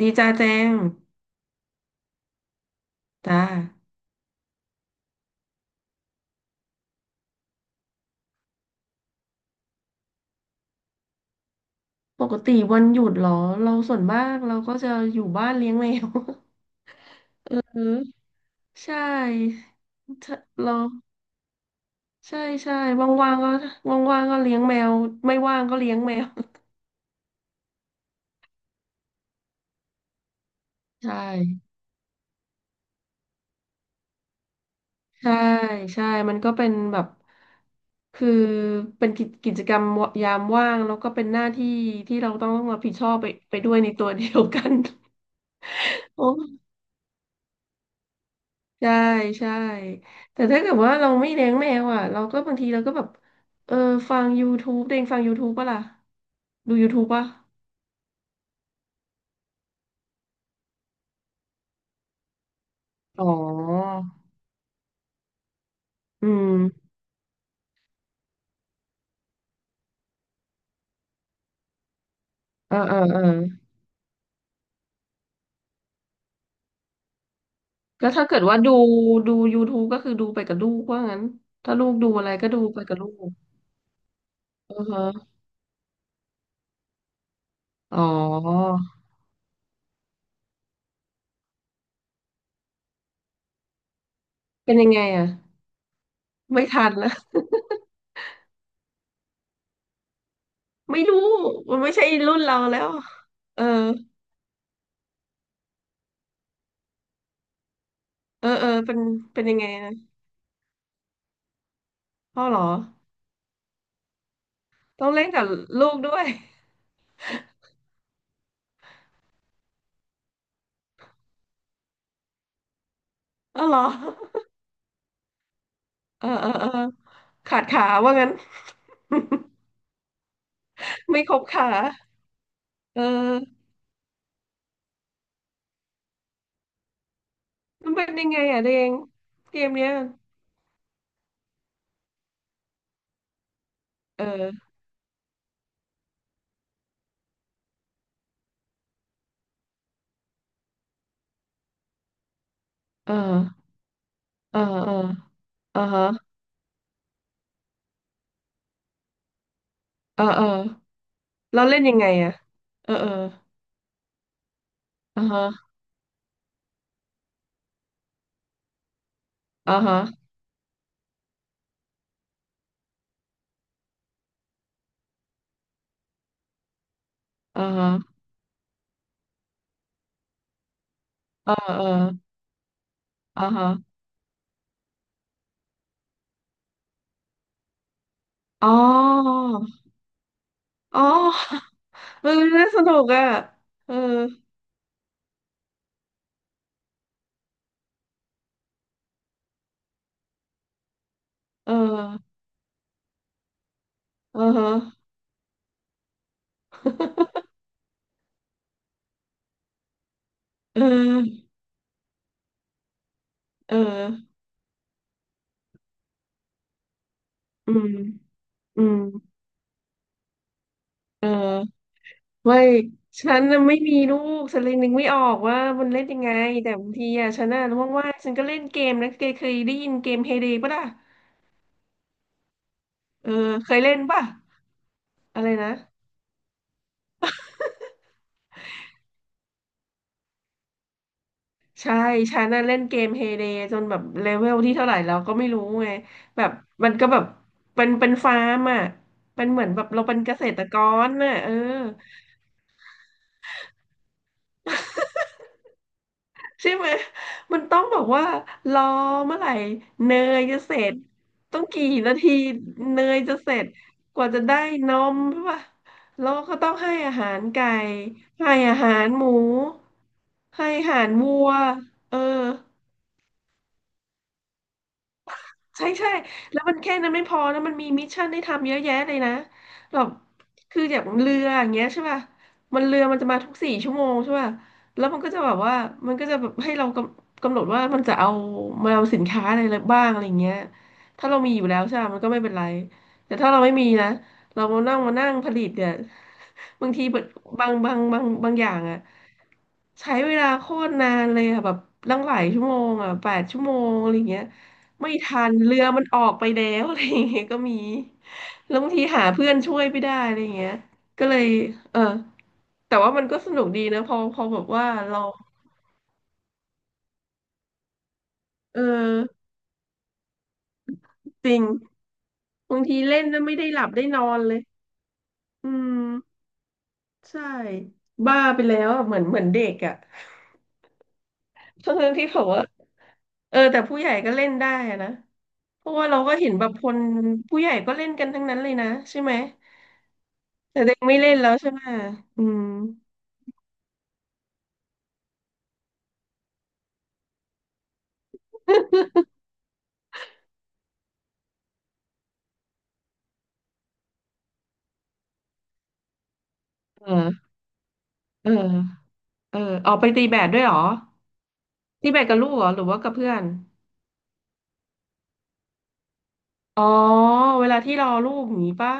ดีจ้าแจงจ้าปกติวันหยุดเหรอเราส่วนมากเราก็จะอยู่บ้านเลี้ยงแมว เออใช่ถ้าเราใช่ใช่ว่างๆก็ว่างๆก็เลี้ยงแมวไม่ว่างก็เลี้ยงแมวใช่ใช่ใช่มันก็เป็นแบบคือเป็นกิจกรรมยามว่างแล้วก็เป็นหน้าที่ที่เราต้องรับผิดชอบไปด้วยในตัวเดียวกัน โอ้ ใช่ใช่แต่ถ้าเกิดว่าเราไม่เลี้ยงแมวอ่ะเราก็บางทีเราก็แบบเออฟัง YouTube เด้งฟัง YouTube ปะล่ะดู YouTube ป่ะอ๋ออืมเออเออเออก็ถ้าเกิดว่าดู YouTube ก็คือดูไปกับลูกว่างั้นถ้าลูกดูอะไรก็ดูไปกับลูกอือฮะอ๋อเป็นยังไงอ่ะไม่ทันละ ไม่รู้มันไม่ใช่รุ่นเราแล้วเออเออเออเป็นยังไงนะพ่อเหรอต้องเล่นกับลูกด้วย อ๋อเหรอเออเออเออขาดขาว่างั้น ไม่ครบขาเออมันเป็นยังไงอ่ะเดงเกมเนี้ยเออเออเออเอออ่าฮะเออเออเราเล่นยังไงอ่ะเออเอออ่าฮะอ่าฮะอ่าฮะเออเอออ่าฮะอ๋ออ๋อเออน่าสนุกอ่ะเออเออเออฮะเออเอออืมอืมเออ ไม่ฉันน่ะไม่มีลูกฉันเลยนึกไม่ออกว่ามันเล่นยังไงแต่บางทีอ่ะฉันน่ะว่างๆฉันก็เล่นเกมนะเคยได้ยินเกมเฮเดป่ะล่ะเออเคยเล่นป่ะอะไรนะใช่ฉันน่ะเล่นเกมเฮเดจนแบบเลเวลที่เท่าไหร่เราก็ไม่รู้ไงแบบมันก็แบบเป็นฟาร์มอ่ะเป็นเหมือนแบบเราเป็นเกษตรกรน่ะเออ ใช่ไหม มันต้องบอกว่ารอเมื่อไหร่เนยจะเสร็จต้องกี่นาทีเนยจะเสร็จกว่าจะได้นมใช่ปะแล้วก็ต้องให้อาหารไก่ให้อาหารหมูให้อาหารวัวเออ ใช่ใช่แล้วมันแค่นั้นไม่พอแล้วมันมีมิชชั่นให้ทำเยอะแยะเลยนะแบบคืออย่างเรืออย่างเงี้ยใช่ป่ะมันเรือมันจะมาทุกสี่ชั่วโมงใช่ป่ะแล้วมันก็จะแบบว่ามันก็จะแบบให้เรากำหนดว่ามันจะเอามาเอาสินค้าอะไรบ้างอะไรเงี้ยถ้าเรามีอยู่แล้วใช่ปะมันก็ไม่เป็นไรแต่ถ้าเราไม่มีนะเรามานั่งผลิตเนี่ย บางทีแบบบางอย่างอะใช้เวลาโคตรนานเลยอะแบบตั้งหลายชั่วโมงอะแปดชั่วโมงอะไรเงี้ย ไม่ทันเรือมันออกไปแล้ว อะไรอย่างเงี้ยก็มีแล้วบางทีหาเพื่อนช่วยไม่ได้อะไรอย่างเงี้ยก็เลยเออแต่ว่ามันก็สนุกดีนะพอพอแบบว่าเราเออจริงบางทีเล่นแล้วไม่ได้หลับได้นอนเลยอืมใช่บ้าไปแล้วอะเหมือนเหมือนเด็กอ่ะ ทั้งทงที่ผมว่าเออแต่ผู้ใหญ่ก็เล่นได้อะนะเพราะว่าเราก็เห็นแบบคนผู้ใหญ่ก็เล่นกันทั้งนั้นเลยนะใช่ไหมแต่เด็กไม่เล่นแล้วใช่ไหมอืม เออ เออ เออ ออกไปตีแบดด้วยเหรอ ตีแบดกับลูกเหรอ หรือว่ากับเพื่อน อ๋อ เวลาที่รอลูกอย่างนี้ป่ะ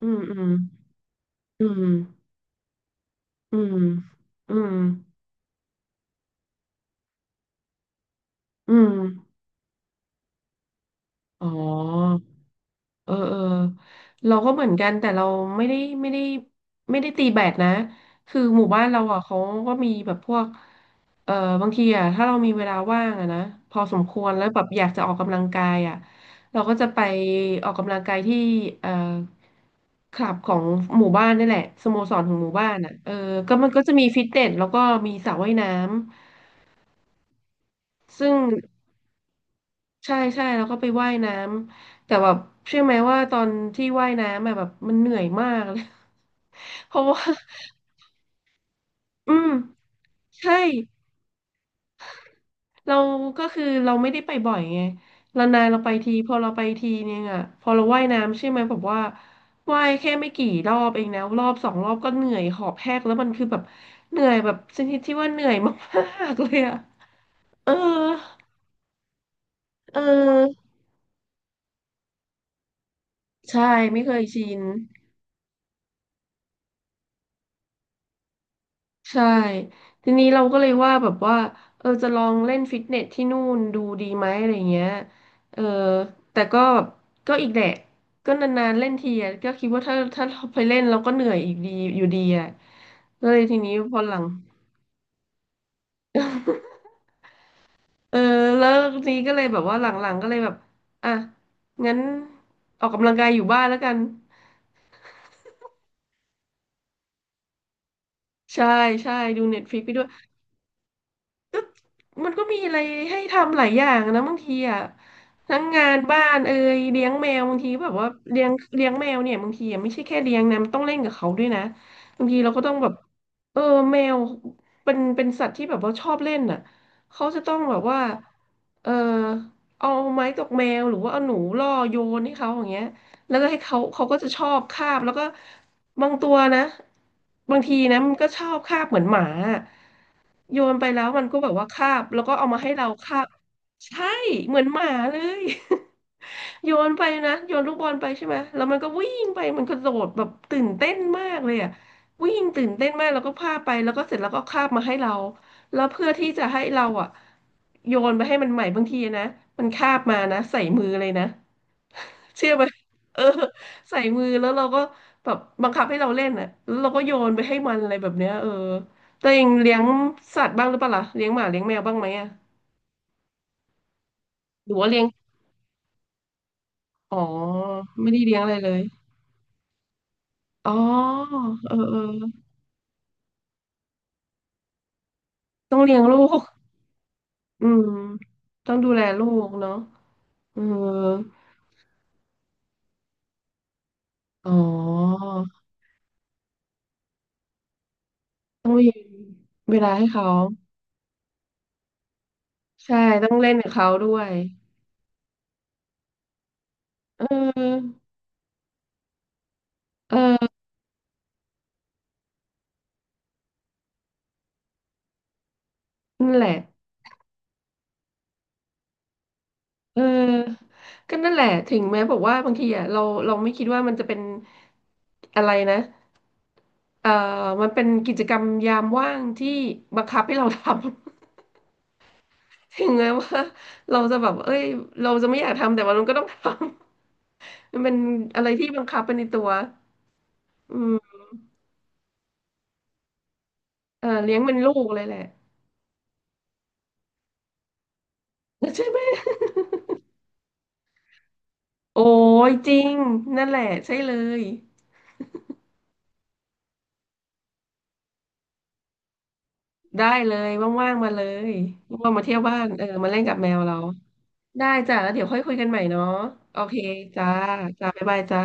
อืมอืม อืม อืม อืม อืมอ๋อ เออเออเราก็เหมือนกันแต่เราไม่ได้ไม่ได้ไม่ได้ตีแบดนะคือหมู่บ้านเราอ่ะเขาก็มีแบบพวกเออบางทีอ่ะถ้าเรามีเวลาว่างอ่ะนะพอสมควรแล้วแบบอยากจะออกกำลังกายอ่ะเราก็จะไปออกกำลังกายที่เอ่อคลับของหมู่บ้านนี่แหละสโมสรของหมู่บ้านอ่ะเออก็มันก็จะมีฟิตเนสแล้วก็มีสระว่ายน้ำซึ่ง ใช่ใช่แล้วก็ไปว่ายน้ำแต่แบบเชื่อไหมว่าตอนที่ว่ายน้ำอะแบบมันเหนื่อยมากเลย เพราะว่าอืมใช่เราก็คือเราไม่ได้ไปบ่อยไงเรานานๆเราไปทีพอเราไปทีนึงอ่ะพอเราว่ายน้ำใช่ไหมแบบว่าว่ายแค่ไม่กี่รอบเองนะรอบสองรอบก็เหนื่อยหอบแหกแล้วมันคือแบบเหนื่อยแบบชนิดที่ว่าเหนื่อยมากๆเลยอ่ะเออเออใช่ไม่เคยชิน ใช่ทีนี้เราก็เลยว่าแบบว่าเออจะลองเล่นฟิตเนสที่นู่นดูดีไหมอะไรเงี้ยเออแต่ก็ก็อีกแหละก็นานๆเล่นทีอะก็คิดว่าถ้าเราไปเล่นเราก็เหนื่อยอีกดีอยู่ดีอ่ะก็เลยทีนี้พอหลัง เออแล้วทีนี้ก็เลยแบบว่าหลังๆก็เลยแบบอ่ะงั้นออกกำลังกายอยู่บ้านแล้วกันใช่ใช่ดูเน็ตฟลิกไปด้วย มันก็มีอะไรให้ทำหลายอย่างนะบางทีอ่ะทั้งงานบ้านเอ่ยเลี้ยงแมวบางทีแบบว่าเลี้ยงแมวเนี่ยบางทีอะไม่ใช่แค่เลี้ยงนะมันต้องเล่นกับเขาด้วยนะบางทีเราก็ต้องแบบเออแมวเป็นสัตว์ที่แบบว่าชอบเล่นอ่ะเขาจะต้องแบบว่าเออเอาไม้ตกแมวหรือว่าเอาหนูล่อโยนให้เขาอย่างเงี้ยแล้วก็ให้เขาก็จะชอบคาบแล้วก็บางตัวนะบางทีนะมันก็ชอบคาบเหมือนหมา โยนไปแล้วมันก็แบบว่าคาบแล้วก็เอามาให้เราคาบใช่เหมือนหมาเลย โยนไปนะโยนลูกบอลไปใช่ไหมแล้วมันก็วิ่งไปมันกระโดดแบบตื่นเต้นมากเลยอ่ะวิ่งตื่นเต้นมากแล้วก็พาไปแล้วก็เสร็จแล้วก็คาบมาให้เราแล้วเพื่อที่จะให้เราอ่ะโยนไปให้มันใหม่บางทีนะมันคาบมานะใส่มือเลยนะ เชื่อไหม เออใส่มือแล้วเราก็แบบบังคับให้เราเล่นอ่ะแล้วเราก็โยนไปให้มันอะไรแบบเนี้ยเออตัวเองเลี้ยงสัตว์บ้างหรือเปล่าล่ะเลี้ยงหมาเลี้ยงแมวบ้างไหมอ่ะหรือว่าเลี้ยงอ๋อไม่ได้เลี้ยงอะไรเลยอ๋อเออเออต้องเลี้ยงลูกอืมต้องดูแลลูกเนาะเอออ๋อต้องมีเวลาให้เขาใช่ต้องเล่นกับเขาด้วยเออเออนั่นแหละ เออก็นั่นแหละถึงแม้บอกว่าบางทีอ่ะเราไม่คิดว่ามันจะเป็นอะไรนะเออมันเป็นกิจกรรมยามว่างที่บังคับให้เราทำ ถึงแม้ว่าเราจะแบบเอ้ยเราจะไม่อยากทำแต่ว่ามันก็ต้องทำ มันเป็นอะไรที่บังคับเป็นในตัวอืมเออเลี้ยงเป็นลูกเลยแหละ ใช่ไหม โอ้ยจริงนั่นแหละใช่เลยได้เลยว่างๆมาเลยว่างๆมาเที่ยวบ้านเออมาเล่นกับแมวเรา ได้จ้ะแล้วเดี๋ยวค่อยคุยกันใหม่เนาะโอเคจ้าจ้าบ๊ายบายจ้า